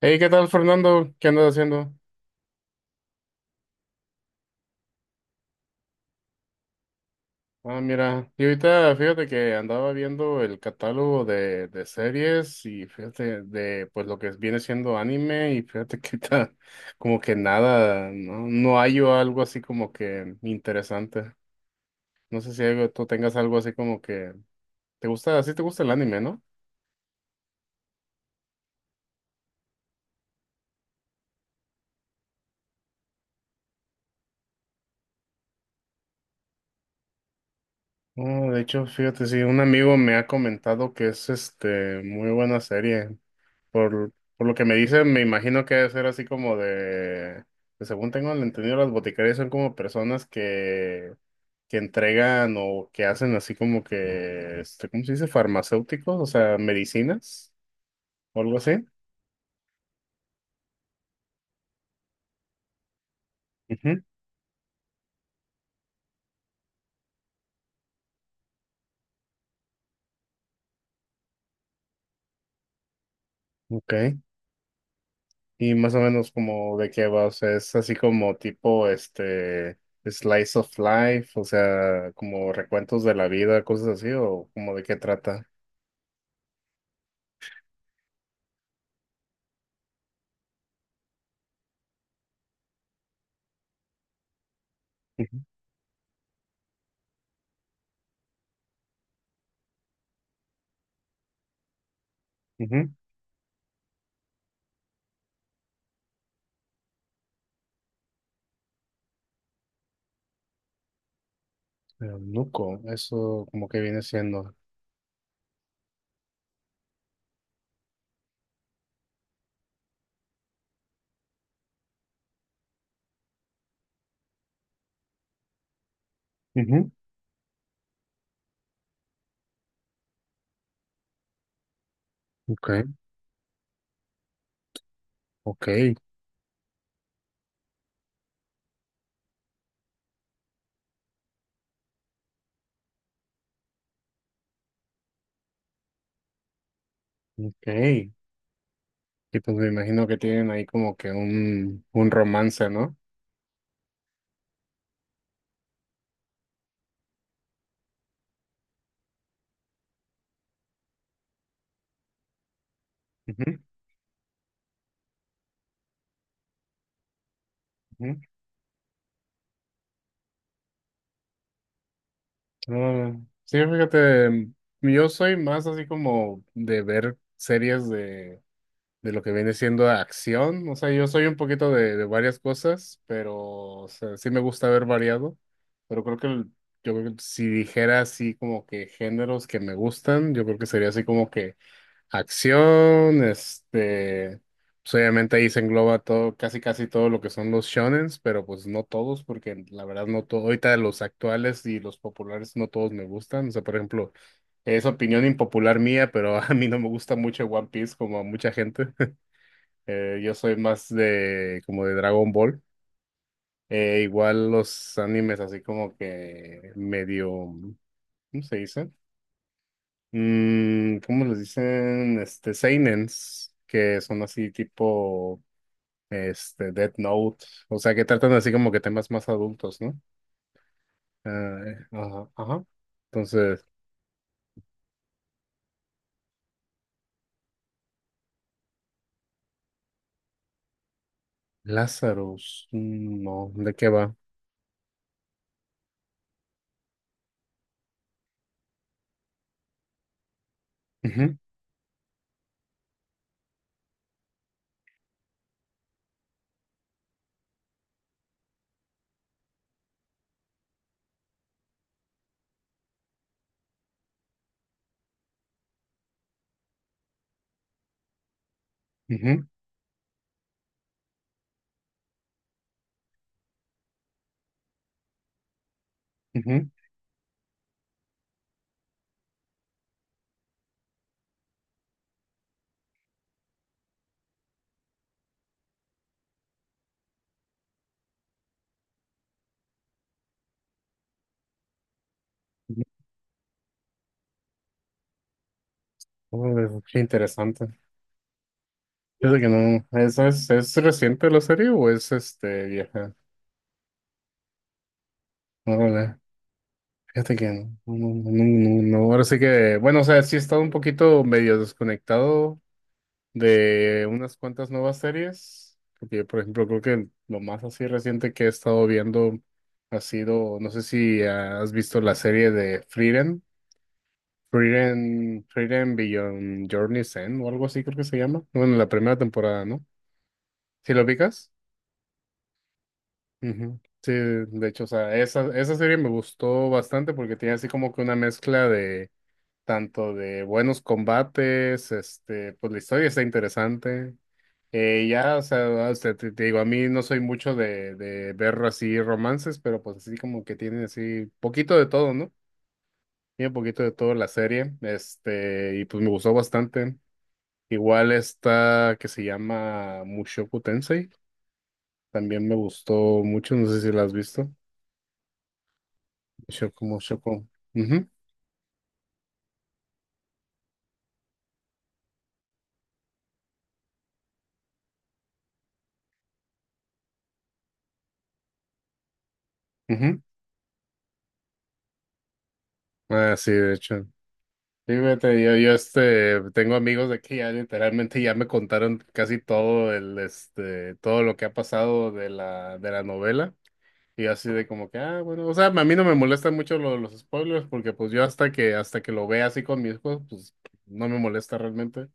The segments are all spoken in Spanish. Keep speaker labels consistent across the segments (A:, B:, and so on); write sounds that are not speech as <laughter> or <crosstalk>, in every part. A: Hey, ¿qué tal, Fernando? ¿Qué andas haciendo? Ah, mira, y ahorita fíjate que andaba viendo el catálogo de series y fíjate de pues lo que viene siendo anime y fíjate que ahorita <laughs> como que nada, no, no hallo algo así como que interesante. No sé si tú tengas algo así como que te gusta, así te gusta el anime, ¿no? Ah, de hecho, fíjate, sí, un amigo me ha comentado que es este muy buena serie. Por, por lo que me dicen, me imagino que debe ser así como de, que según tengo entendido, las boticarias son como personas que entregan o que hacen así como que, este, ¿cómo se dice? Farmacéuticos, o sea, medicinas o algo así. Ujú. Ok. Y más o menos como de qué va, o sea, es así como tipo, este, slice of life, o sea, como recuentos de la vida, cosas así, o como de qué trata. Ujú, ujú. Eunuco, eso como que viene siendo. Ujú, ok, ok, ok. Y pues me imagino que tienen ahí como que un romance, ¿no? Ujú, ujú. Ah, sí, fíjate, yo soy más así como de ver series de lo que viene siendo acción. O sea, yo soy un poquito de varias cosas, pero o sea, sí me gusta ver variado. Pero creo que yo creo que si dijera así como que géneros que me gustan, yo creo que sería así como que acción, este, pues obviamente ahí se engloba todo, casi casi todo lo que son los shonens, pero pues no todos, porque la verdad no todo, ahorita los actuales y los populares no todos me gustan, o sea, por ejemplo, es opinión impopular mía, pero <laughs> a mí no me gusta mucho One Piece como a mucha gente. <laughs> Yo soy más de, como de Dragon Ball. Igual los animes así como que medio, ¿cómo se dice? ¿Cómo les dicen? Este, seinens, que son así tipo, este, Death Note, o sea, que tratan así como que temas más adultos, ¿no? Ah, ajá, ajá. Entonces, Lazarus, no, ¿de qué va? Ujú, ujú, ujú, ujú. Oh, qué interesante. Fíjate que no, ¿es reciente la serie o es, este, vieja? Órale. Fíjate que no, no, no, no, no, no, ahora sí que, bueno, o sea, sí he estado un poquito medio desconectado de unas cuantas nuevas series, porque por ejemplo creo que lo más así reciente que he estado viendo ha sido, no sé si has visto la serie de Frieren, Frieren, Frieren Beyond Journey's End o algo así creo que se llama, bueno, la primera temporada, ¿no? ¿Sí lo ubicas? Ujú. Sí, de hecho, o sea, esa serie me gustó bastante porque tiene así como que una mezcla de tanto de buenos combates, este, pues la historia está interesante. Ya, o sea, o sea, te digo, a mí no soy mucho de ver así romances, pero pues así como que tiene así poquito de todo, ¿no? Tiene poquito de todo la serie, este, y pues me gustó bastante. Igual esta que se llama Mushoku Tensei también me gustó mucho, no sé si la has visto. Mushoku, Mushoku. Ujú, ujú. Ah, sí, de hecho. Sí, fíjate, yo este, tengo amigos de que ya literalmente ya me contaron casi todo el, este, todo lo que ha pasado de la novela. Y yo así de como que, ah, bueno, o sea, a mí no me molestan mucho los spoilers porque pues yo hasta que lo vea así con mis hijos, pues no me molesta realmente.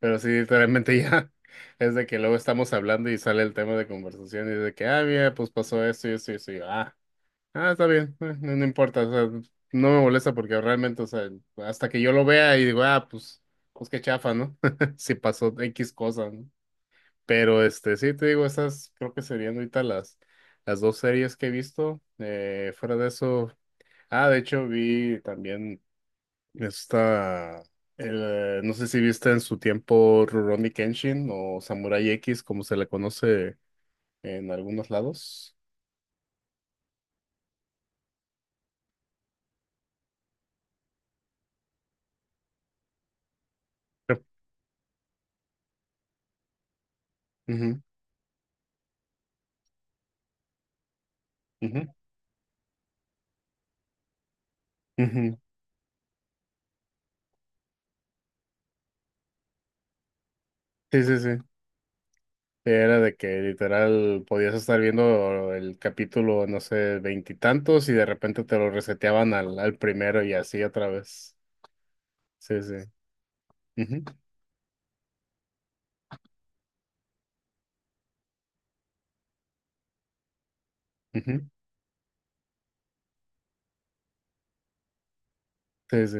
A: Pero sí, literalmente ya <laughs> es de que luego estamos hablando y sale el tema de conversación y de que, ah, mira, pues pasó esto y esto y esto. Ah, está bien, no, no importa, o sea, no me molesta porque realmente, o sea, hasta que yo lo vea y digo, ah, pues, qué chafa, ¿no? <laughs> Si pasó X cosa, ¿no? Pero este, sí, te digo, esas creo que serían ahorita las dos series que he visto. Fuera de eso, ah, de hecho vi también esta, el, no sé si viste en su tiempo Rurouni Kenshin o Samurai X, como se le conoce en algunos lados. Ujú, ujú, ujú. Sí, sí, sí. Era de que literal podías estar viendo el capítulo, no sé, veintitantos y de repente te lo reseteaban al primero y así otra vez. Sí, sí. Ujú, ujú. Sí, sí.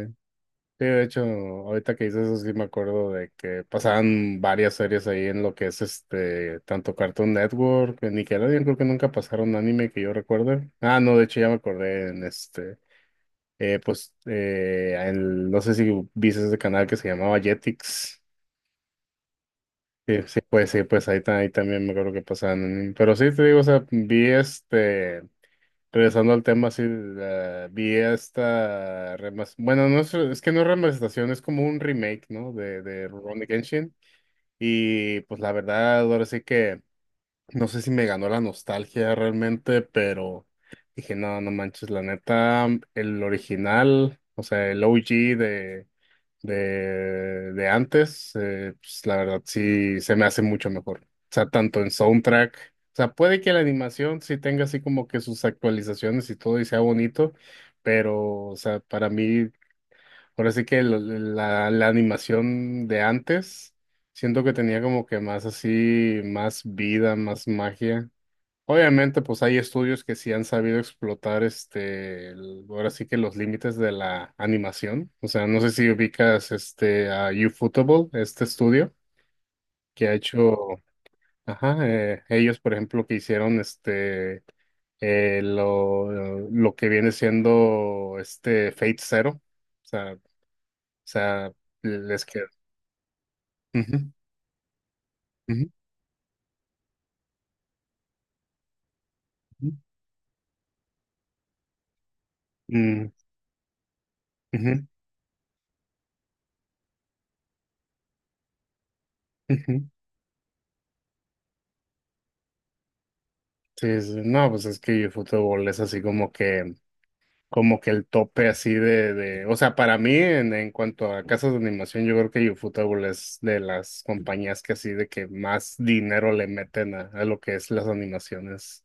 A: Sí, de hecho, ahorita que dices eso sí me acuerdo de que pasaban varias series ahí en lo que es este, tanto Cartoon Network, en Nickelodeon, creo que nunca pasaron anime que yo recuerde. Ah, no, de hecho ya me acordé en este, pues, no sé si viste ese canal que se llamaba Jetix. Sí, sí, pues ahí, ahí también me acuerdo que pasaban. Pero sí, te digo, o sea, vi este, regresando al tema, sí, vi esta, bueno, no es que no es remasterización, es como un remake, ¿no? De Rurouni Kenshin. Y pues la verdad, ahora sí que, no sé si me ganó la nostalgia realmente, pero dije, no, no manches, la neta, el original, o sea, el OG de antes, pues la verdad sí se me hace mucho mejor. O sea, tanto en soundtrack, o sea, puede que la animación sí tenga así como que sus actualizaciones y todo y sea bonito, pero, o sea, para mí, ahora sí que la animación de antes, siento que tenía como que más así, más vida, más magia. Obviamente, pues hay estudios que sí han sabido explotar este, ahora sí que los límites de la animación. O sea, no sé si ubicas este a Ufotable, este estudio que ha hecho, ajá, ellos, por ejemplo, que hicieron este lo que viene siendo este Fate Zero. O sea, sea, les queda. Ujú, ujú, ujú. Mm, ujú, ujú. Sí, sí, sí. No, pues es que eFootball es así como que, como que el tope así de, o sea, para mí en cuanto a casas de animación, yo creo que Ufotable es de las compañías que así de que más dinero le meten a lo que es las animaciones.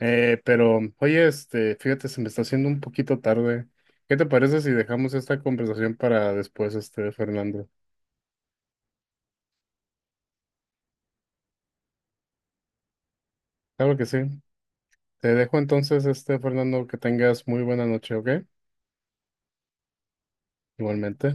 A: Pero, oye, este, fíjate, se me está haciendo un poquito tarde. ¿Qué te parece si dejamos esta conversación para después, este, Fernando? Claro que sí. Te dejo entonces, este, Fernando, que tengas muy buena noche, ¿ok? Igualmente.